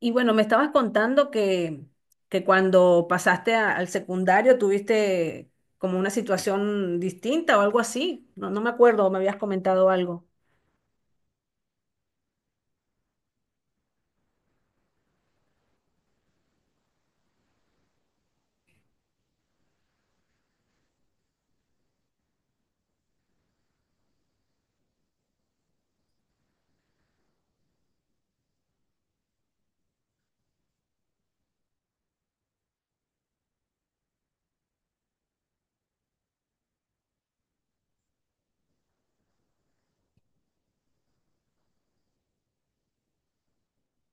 Y bueno, me estabas contando que cuando pasaste al secundario tuviste como una situación distinta o algo así. No, no me acuerdo, me habías comentado algo.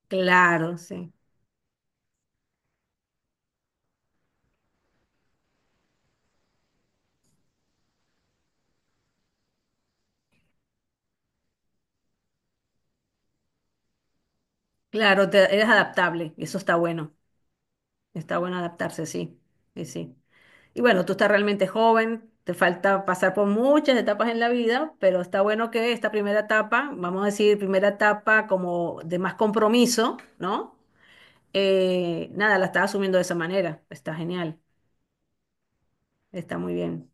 Claro, sí. Claro, eres adaptable y eso está bueno. Está bueno adaptarse, sí. Sí, sí. Y bueno, tú estás realmente joven, te falta pasar por muchas etapas en la vida, pero está bueno que esta primera etapa, vamos a decir, primera etapa como de más compromiso, ¿no? Nada, la estaba asumiendo de esa manera. Está genial, está muy bien.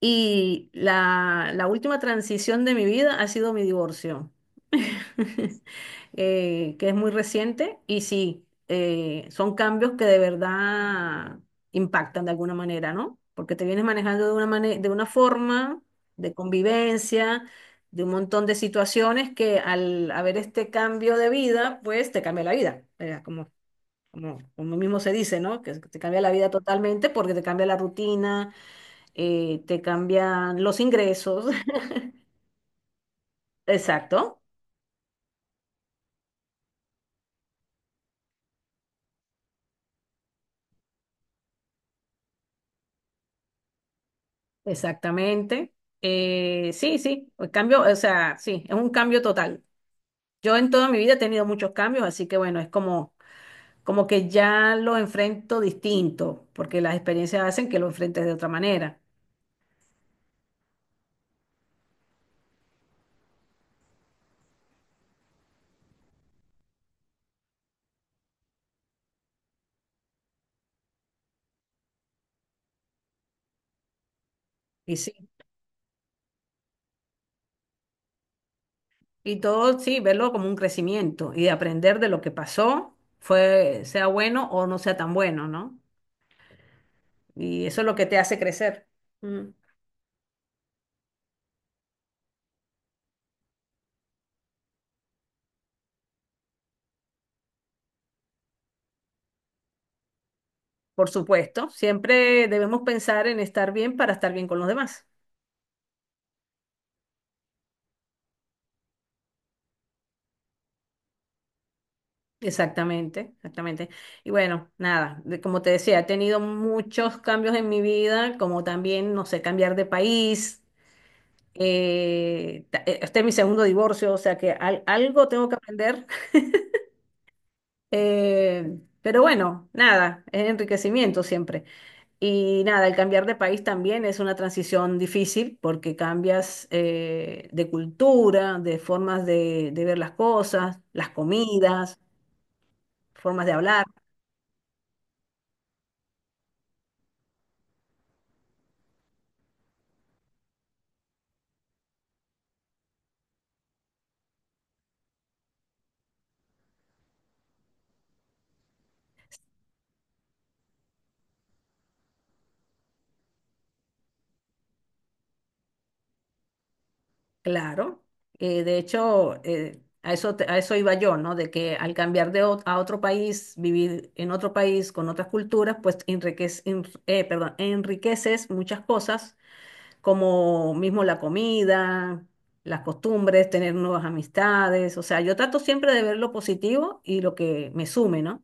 Y la última transición de mi vida ha sido mi divorcio, que es muy reciente y sí, son cambios que de verdad impactan de alguna manera, ¿no? Porque te vienes manejando de una de una forma de convivencia, de un montón de situaciones que al haber este cambio de vida, pues te cambia la vida. Como, como como mismo se dice, ¿no? Que te cambia la vida totalmente porque te cambia la rutina, te cambian los ingresos. Exacto, exactamente. Sí, sí, el cambio, o sea, sí, es un cambio total. Yo en toda mi vida he tenido muchos cambios, así que bueno, es como, como que ya lo enfrento distinto, porque las experiencias hacen que lo enfrentes de otra manera. Y sí, y todo, sí, verlo como un crecimiento y de aprender de lo que pasó, fue, sea bueno o no sea tan bueno, ¿no? Y eso es lo que te hace crecer. Mm. Por supuesto, siempre debemos pensar en estar bien para estar bien con los demás. Exactamente, exactamente. Y bueno, nada, como te decía, he tenido muchos cambios en mi vida, como también, no sé, cambiar de país. Este es mi segundo divorcio, o sea que algo tengo que aprender. Pero bueno, nada, es enriquecimiento siempre. Y nada, el cambiar de país también es una transición difícil porque cambias de cultura, de formas de ver las cosas, las comidas, formas de hablar, claro. De hecho, a eso, a eso iba yo, ¿no? De que al cambiar de a otro país, vivir en otro país con otras culturas, pues perdón, enriqueces muchas cosas como mismo la comida, las costumbres, tener nuevas amistades. O sea, yo trato siempre de ver lo positivo y lo que me sume, ¿no?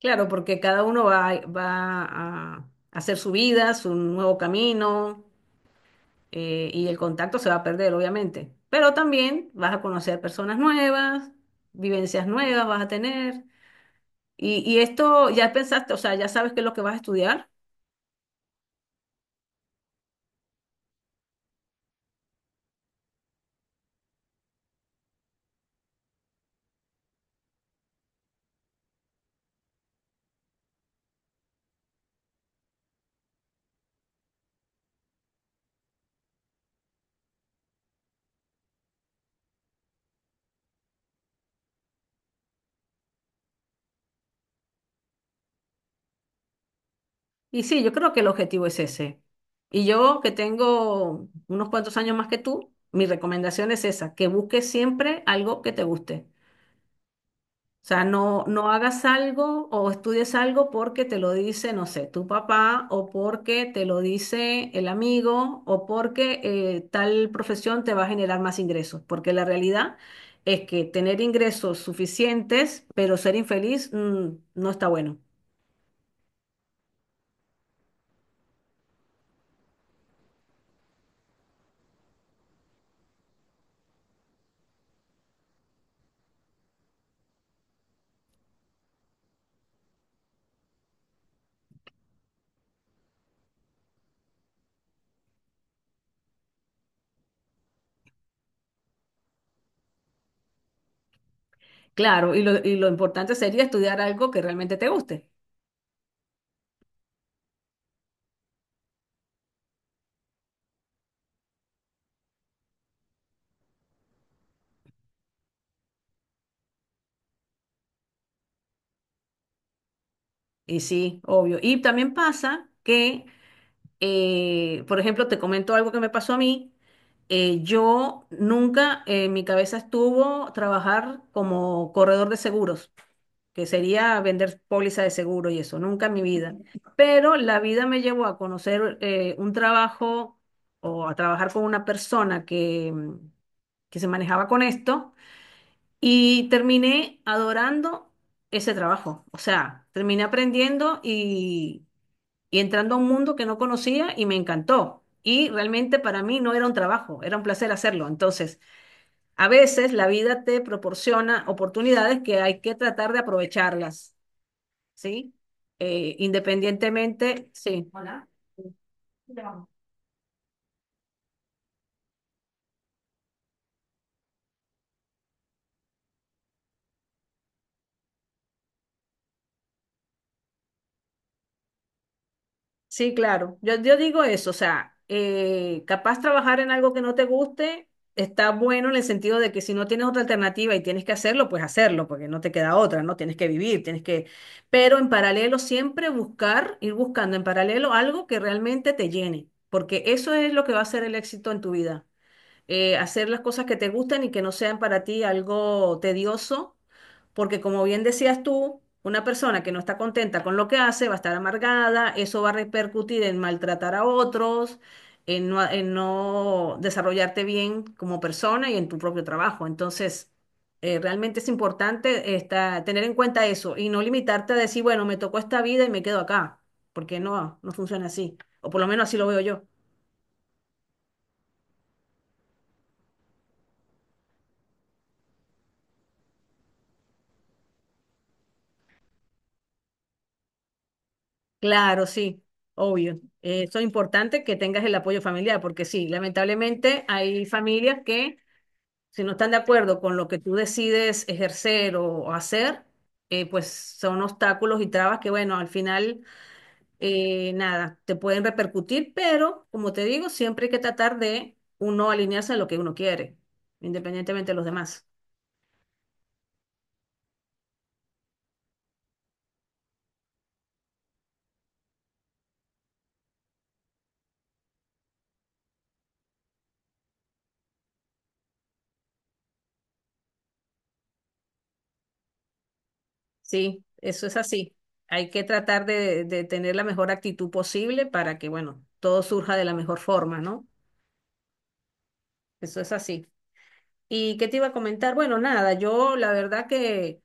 Claro, porque cada uno va a hacer su vida, su nuevo camino, y el contacto se va a perder, obviamente. Pero también vas a conocer personas nuevas, vivencias nuevas vas a tener. Y esto ya pensaste, o sea, ya sabes qué es lo que vas a estudiar. Y sí, yo creo que el objetivo es ese. Y yo que tengo unos cuantos años más que tú, mi recomendación es esa, que busques siempre algo que te guste. O sea, no, no hagas algo o estudies algo porque te lo dice, no sé, tu papá o porque te lo dice el amigo o porque tal profesión te va a generar más ingresos. Porque la realidad es que tener ingresos suficientes pero ser infeliz no está bueno. Claro, y lo importante sería estudiar algo que realmente te guste. Y sí, obvio. Y también pasa que, por ejemplo, te comento algo que me pasó a mí. Yo nunca en mi cabeza estuvo trabajar como corredor de seguros, que sería vender póliza de seguro y eso, nunca en mi vida. Pero la vida me llevó a conocer un trabajo o a trabajar con una persona que, que se manejaba con esto. Y terminé adorando ese trabajo. O sea, terminé aprendiendo y entrando a un mundo que no conocía y me encantó. Y realmente para mí no era un trabajo, era un placer hacerlo. Entonces, a veces la vida te proporciona oportunidades que hay que tratar de aprovecharlas, ¿sí? Independientemente, sí. Hola. Sí, claro. Yo digo eso, o sea, capaz trabajar en algo que no te guste está bueno en el sentido de que si no tienes otra alternativa y tienes que hacerlo, pues hacerlo, porque no te queda otra, ¿no? Tienes que vivir, tienes que... Pero en paralelo siempre buscar, ir buscando en paralelo algo que realmente te llene, porque eso es lo que va a ser el éxito en tu vida. Hacer las cosas que te gustan y que no sean para ti algo tedioso porque como bien decías tú, una persona que no está contenta con lo que hace va a estar amargada, eso va a repercutir en maltratar a otros, en no desarrollarte bien como persona y en tu propio trabajo. Entonces, realmente es importante tener en cuenta eso y no limitarte a decir, bueno, me tocó esta vida y me quedo acá, porque no, no funciona así, o por lo menos así lo veo yo. Claro, sí. Obvio, eh, eso es importante que tengas el apoyo familiar, porque sí, lamentablemente hay familias que si no están de acuerdo con lo que tú decides ejercer o hacer, pues son obstáculos y trabas que, bueno, al final, nada, te pueden repercutir, pero como te digo, siempre hay que tratar de uno alinearse a lo que uno quiere, independientemente de los demás. Sí, eso es así. Hay que tratar de tener la mejor actitud posible para que, bueno, todo surja de la mejor forma, ¿no? Eso es así. ¿Y qué te iba a comentar? Bueno, nada, yo la verdad que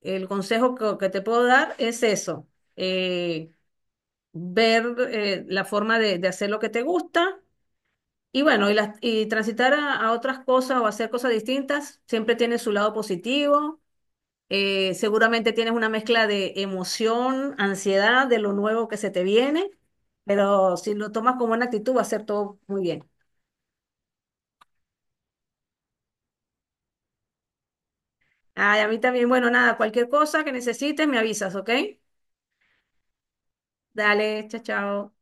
el consejo que te puedo dar es eso, eh, ver la forma de hacer lo que te gusta y bueno, y transitar a otras cosas o hacer cosas distintas siempre tiene su lado positivo. Seguramente tienes una mezcla de emoción, ansiedad de lo nuevo que se te viene, pero si lo tomas como una actitud va a ser todo muy bien. Ay, a mí también, bueno, nada, cualquier cosa que necesites me avisas, ¿ok? Dale, chao, chao.